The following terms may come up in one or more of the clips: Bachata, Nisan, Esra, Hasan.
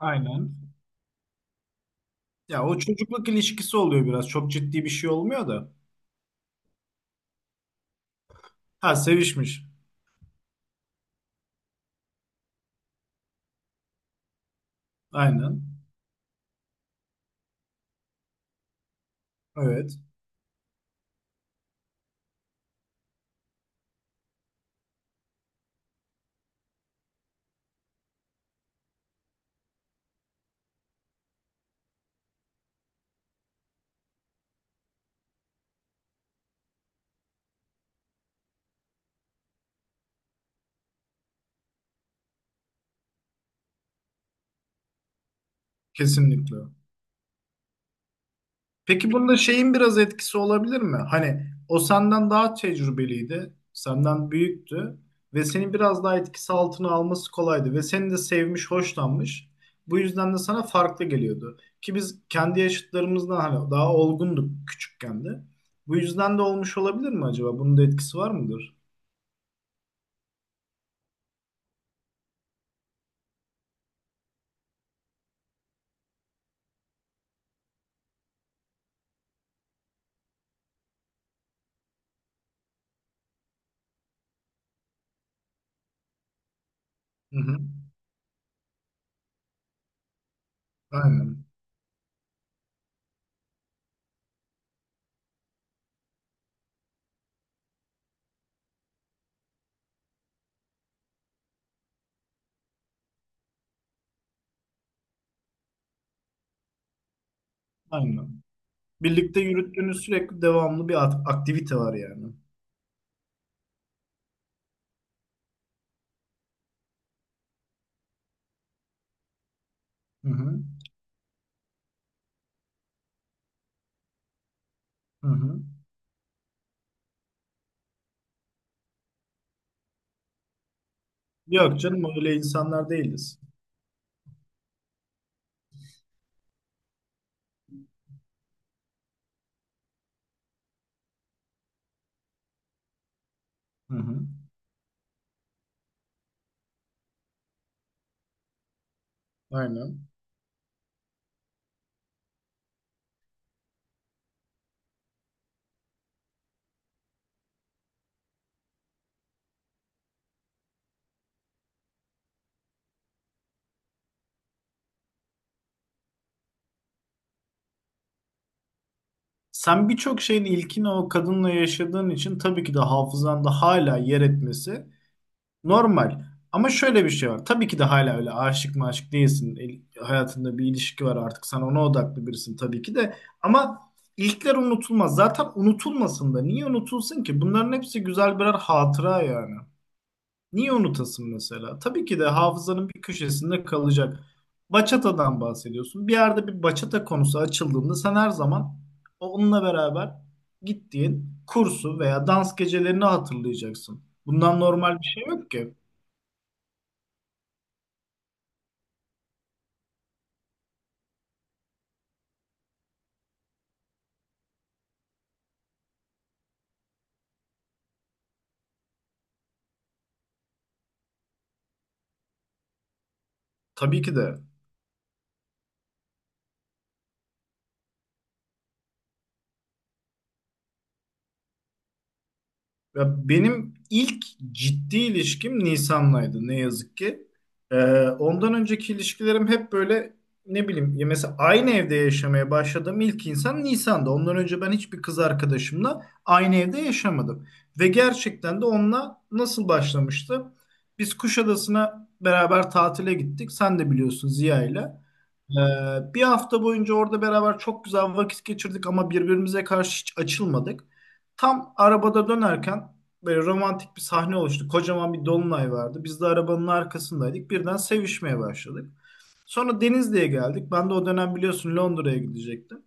Aynen. Ya o çocukluk ilişkisi oluyor biraz. Çok ciddi bir şey olmuyor da. Ha, sevişmiş. Aynen. Evet. Kesinlikle. Peki bunda şeyin biraz etkisi olabilir mi? Hani o senden daha tecrübeliydi. Senden büyüktü. Ve seni biraz daha etkisi altına alması kolaydı. Ve seni de sevmiş, hoşlanmış. Bu yüzden de sana farklı geliyordu. Ki biz kendi yaşıtlarımızdan hani daha olgunduk küçükken de. Bu yüzden de olmuş olabilir mi acaba? Bunun da etkisi var mıdır? Hı hı. Aynen. Aynen. Birlikte yürüttüğünüz sürekli devamlı bir aktivite var yani. Hı hı. Hı hı. Yok canım, öyle insanlar değiliz. Hı hı. Aynen. Sen birçok şeyin ilkini o kadınla yaşadığın için tabii ki de hafızanda hala yer etmesi normal. Ama şöyle bir şey var. Tabii ki de hala öyle aşık maşık değilsin. Hayatında bir ilişki var artık. Sen ona odaklı birisin tabii ki de. Ama ilkler unutulmaz. Zaten unutulmasın da. Niye unutulsun ki? Bunların hepsi güzel birer hatıra yani. Niye unutasın mesela? Tabii ki de hafızanın bir köşesinde kalacak. Bachata'dan bahsediyorsun. Bir yerde bir bachata konusu açıldığında sen her zaman onunla beraber gittiğin kursu veya dans gecelerini hatırlayacaksın. Bundan normal bir şey yok ki. Tabii ki de. Ya benim ilk ciddi ilişkim Nisan'laydı ne yazık ki. Ee, Ondan önceki ilişkilerim hep böyle, ne bileyim ya, mesela aynı evde yaşamaya başladığım ilk insan Nisan'da. Ondan önce ben hiçbir kız arkadaşımla aynı evde yaşamadım. Ve gerçekten de onunla nasıl başlamıştı? Biz Kuşadası'na beraber tatile gittik. Sen de biliyorsun, Ziya'yla. Bir hafta boyunca orada beraber çok güzel vakit geçirdik ama birbirimize karşı hiç açılmadık. Tam arabada dönerken böyle romantik bir sahne oluştu. Kocaman bir dolunay vardı. Biz de arabanın arkasındaydık. Birden sevişmeye başladık. Sonra Denizli'ye geldik. Ben de o dönem biliyorsun Londra'ya gidecektim.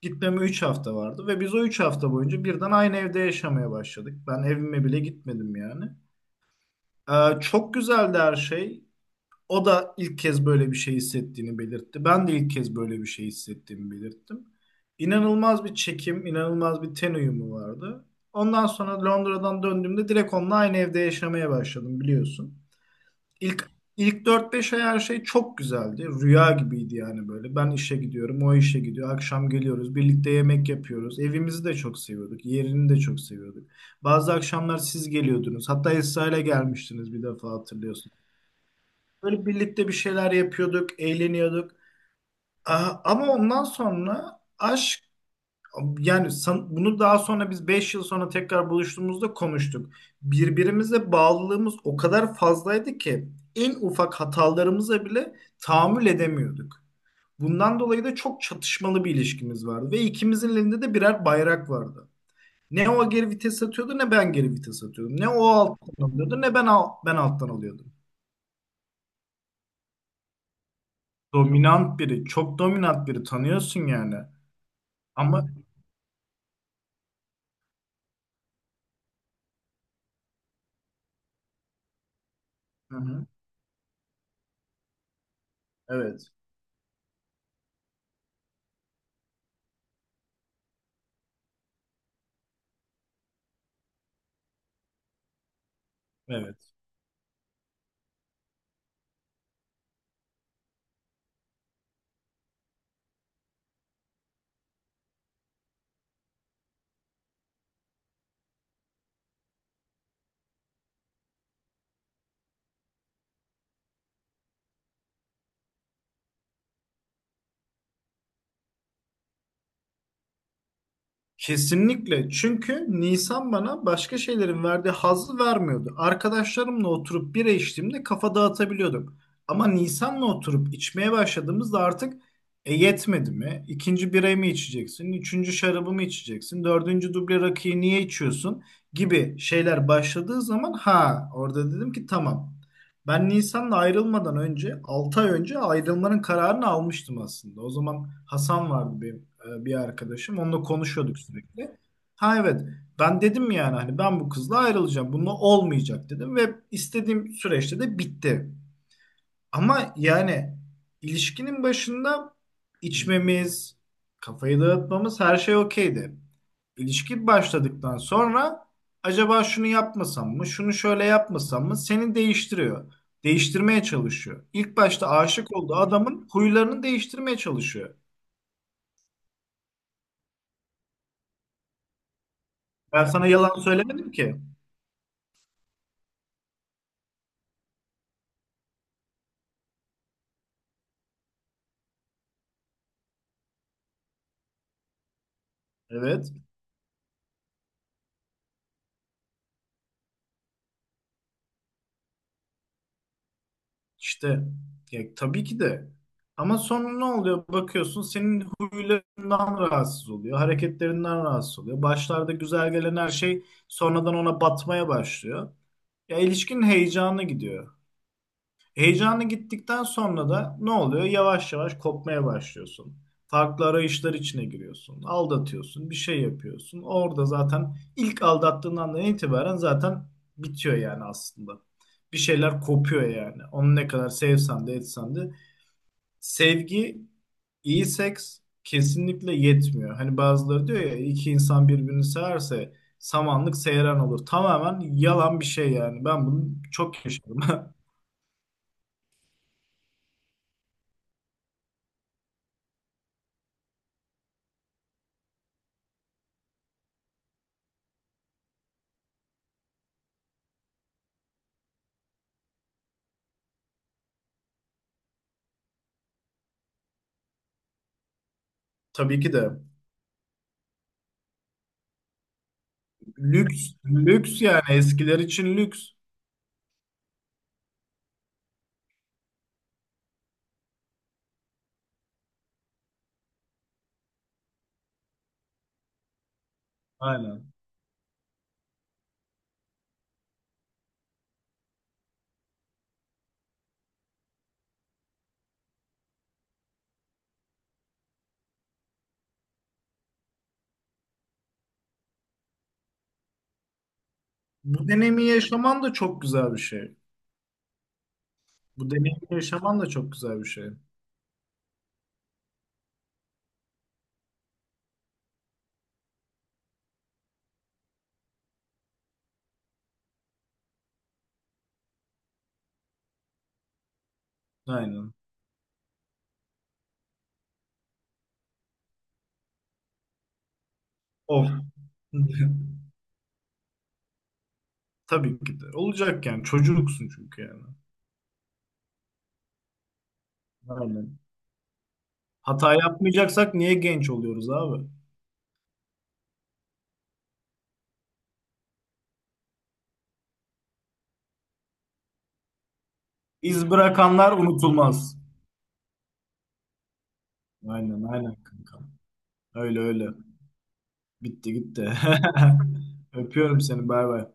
Gitmeme 3 hafta vardı ve biz o 3 hafta boyunca birden aynı evde yaşamaya başladık. Ben evime bile gitmedim yani. Çok güzeldi her şey. O da ilk kez böyle bir şey hissettiğini belirtti. Ben de ilk kez böyle bir şey hissettiğimi belirttim. İnanılmaz bir çekim, inanılmaz bir ten uyumu vardı. Ondan sonra Londra'dan döndüğümde direkt onunla aynı evde yaşamaya başladım, biliyorsun. İlk ilk dört beş ay her şey çok güzeldi. Rüya gibiydi yani böyle. Ben işe gidiyorum, o işe gidiyor. Akşam geliyoruz, birlikte yemek yapıyoruz. Evimizi de çok seviyorduk, yerini de çok seviyorduk. Bazı akşamlar siz geliyordunuz. Hatta Esra ile gelmiştiniz bir defa, hatırlıyorsun. Böyle birlikte bir şeyler yapıyorduk, eğleniyorduk. Ama ondan sonra aşk, yani bunu daha sonra biz 5 yıl sonra tekrar buluştuğumuzda konuştuk. Birbirimize bağlılığımız o kadar fazlaydı ki en ufak hatalarımıza bile tahammül edemiyorduk. Bundan dolayı da çok çatışmalı bir ilişkimiz vardı ve ikimizin elinde de birer bayrak vardı. Ne o geri vites atıyordu ne ben geri vites atıyordum. Ne o alttan alıyordu ne ben ben alttan alıyordum. Dominant biri, çok dominant biri, tanıyorsun yani. Ama hı hı, evet, evet. Kesinlikle. Çünkü Nisan bana başka şeylerin verdiği hazzı vermiyordu. Arkadaşlarımla oturup bira içtiğimde kafa dağıtabiliyordum. Ama Nisan'la oturup içmeye başladığımızda artık yetmedi mi? İkinci birayı mı içeceksin? Üçüncü şarabı mı içeceksin? Dördüncü duble rakıyı niye içiyorsun? Gibi şeyler başladığı zaman, ha, orada dedim ki tamam. Ben Nisan'la ayrılmadan önce 6 ay önce ayrılmanın kararını almıştım aslında. O zaman Hasan vardı benim, bir arkadaşım. Onunla konuşuyorduk sürekli. Ha evet, ben dedim yani hani ben bu kızla ayrılacağım. Bununla olmayacak dedim ve istediğim süreçte de bitti. Ama yani ilişkinin başında içmemiz, kafayı dağıtmamız, her şey okeydi. İlişki başladıktan sonra acaba şunu yapmasam mı, şunu şöyle yapmasam mı, seni değiştiriyor. Değiştirmeye çalışıyor. İlk başta aşık olduğu adamın huylarını değiştirmeye çalışıyor. Ben sana yalan söylemedim ki. Evet, işte ya, tabii ki de, ama sonra ne oluyor, bakıyorsun senin huylarından rahatsız oluyor, hareketlerinden rahatsız oluyor, başlarda güzel gelen her şey sonradan ona batmaya başlıyor, ya ilişkinin heyecanı gidiyor. Heyecanı gittikten sonra da ne oluyor? Yavaş yavaş kopmaya başlıyorsun. Farklı arayışlar içine giriyorsun. Aldatıyorsun, bir şey yapıyorsun. Orada zaten ilk aldattığın andan itibaren zaten bitiyor yani aslında. Bir şeyler kopuyor yani. Onu ne kadar sevsen de etsen de. Sevgi, iyi seks kesinlikle yetmiyor. Hani bazıları diyor ya, iki insan birbirini severse samanlık seyran olur. Tamamen yalan bir şey yani. Ben bunu çok yaşadım. Tabii ki de. Lüks, lüks yani, eskiler için lüks. Aynen. Bu deneyimi yaşaman da çok güzel bir şey. Bu deneyimi yaşaman da çok güzel bir şey. Aynen. Of. Tabii ki de. Olacak yani. Çocuksun çünkü yani. Aynen. Hata yapmayacaksak niye genç oluyoruz abi? İz bırakanlar unutulmaz. Aynen aynen kanka. Öyle öyle. Bitti gitti. Öpüyorum seni. Bay bay.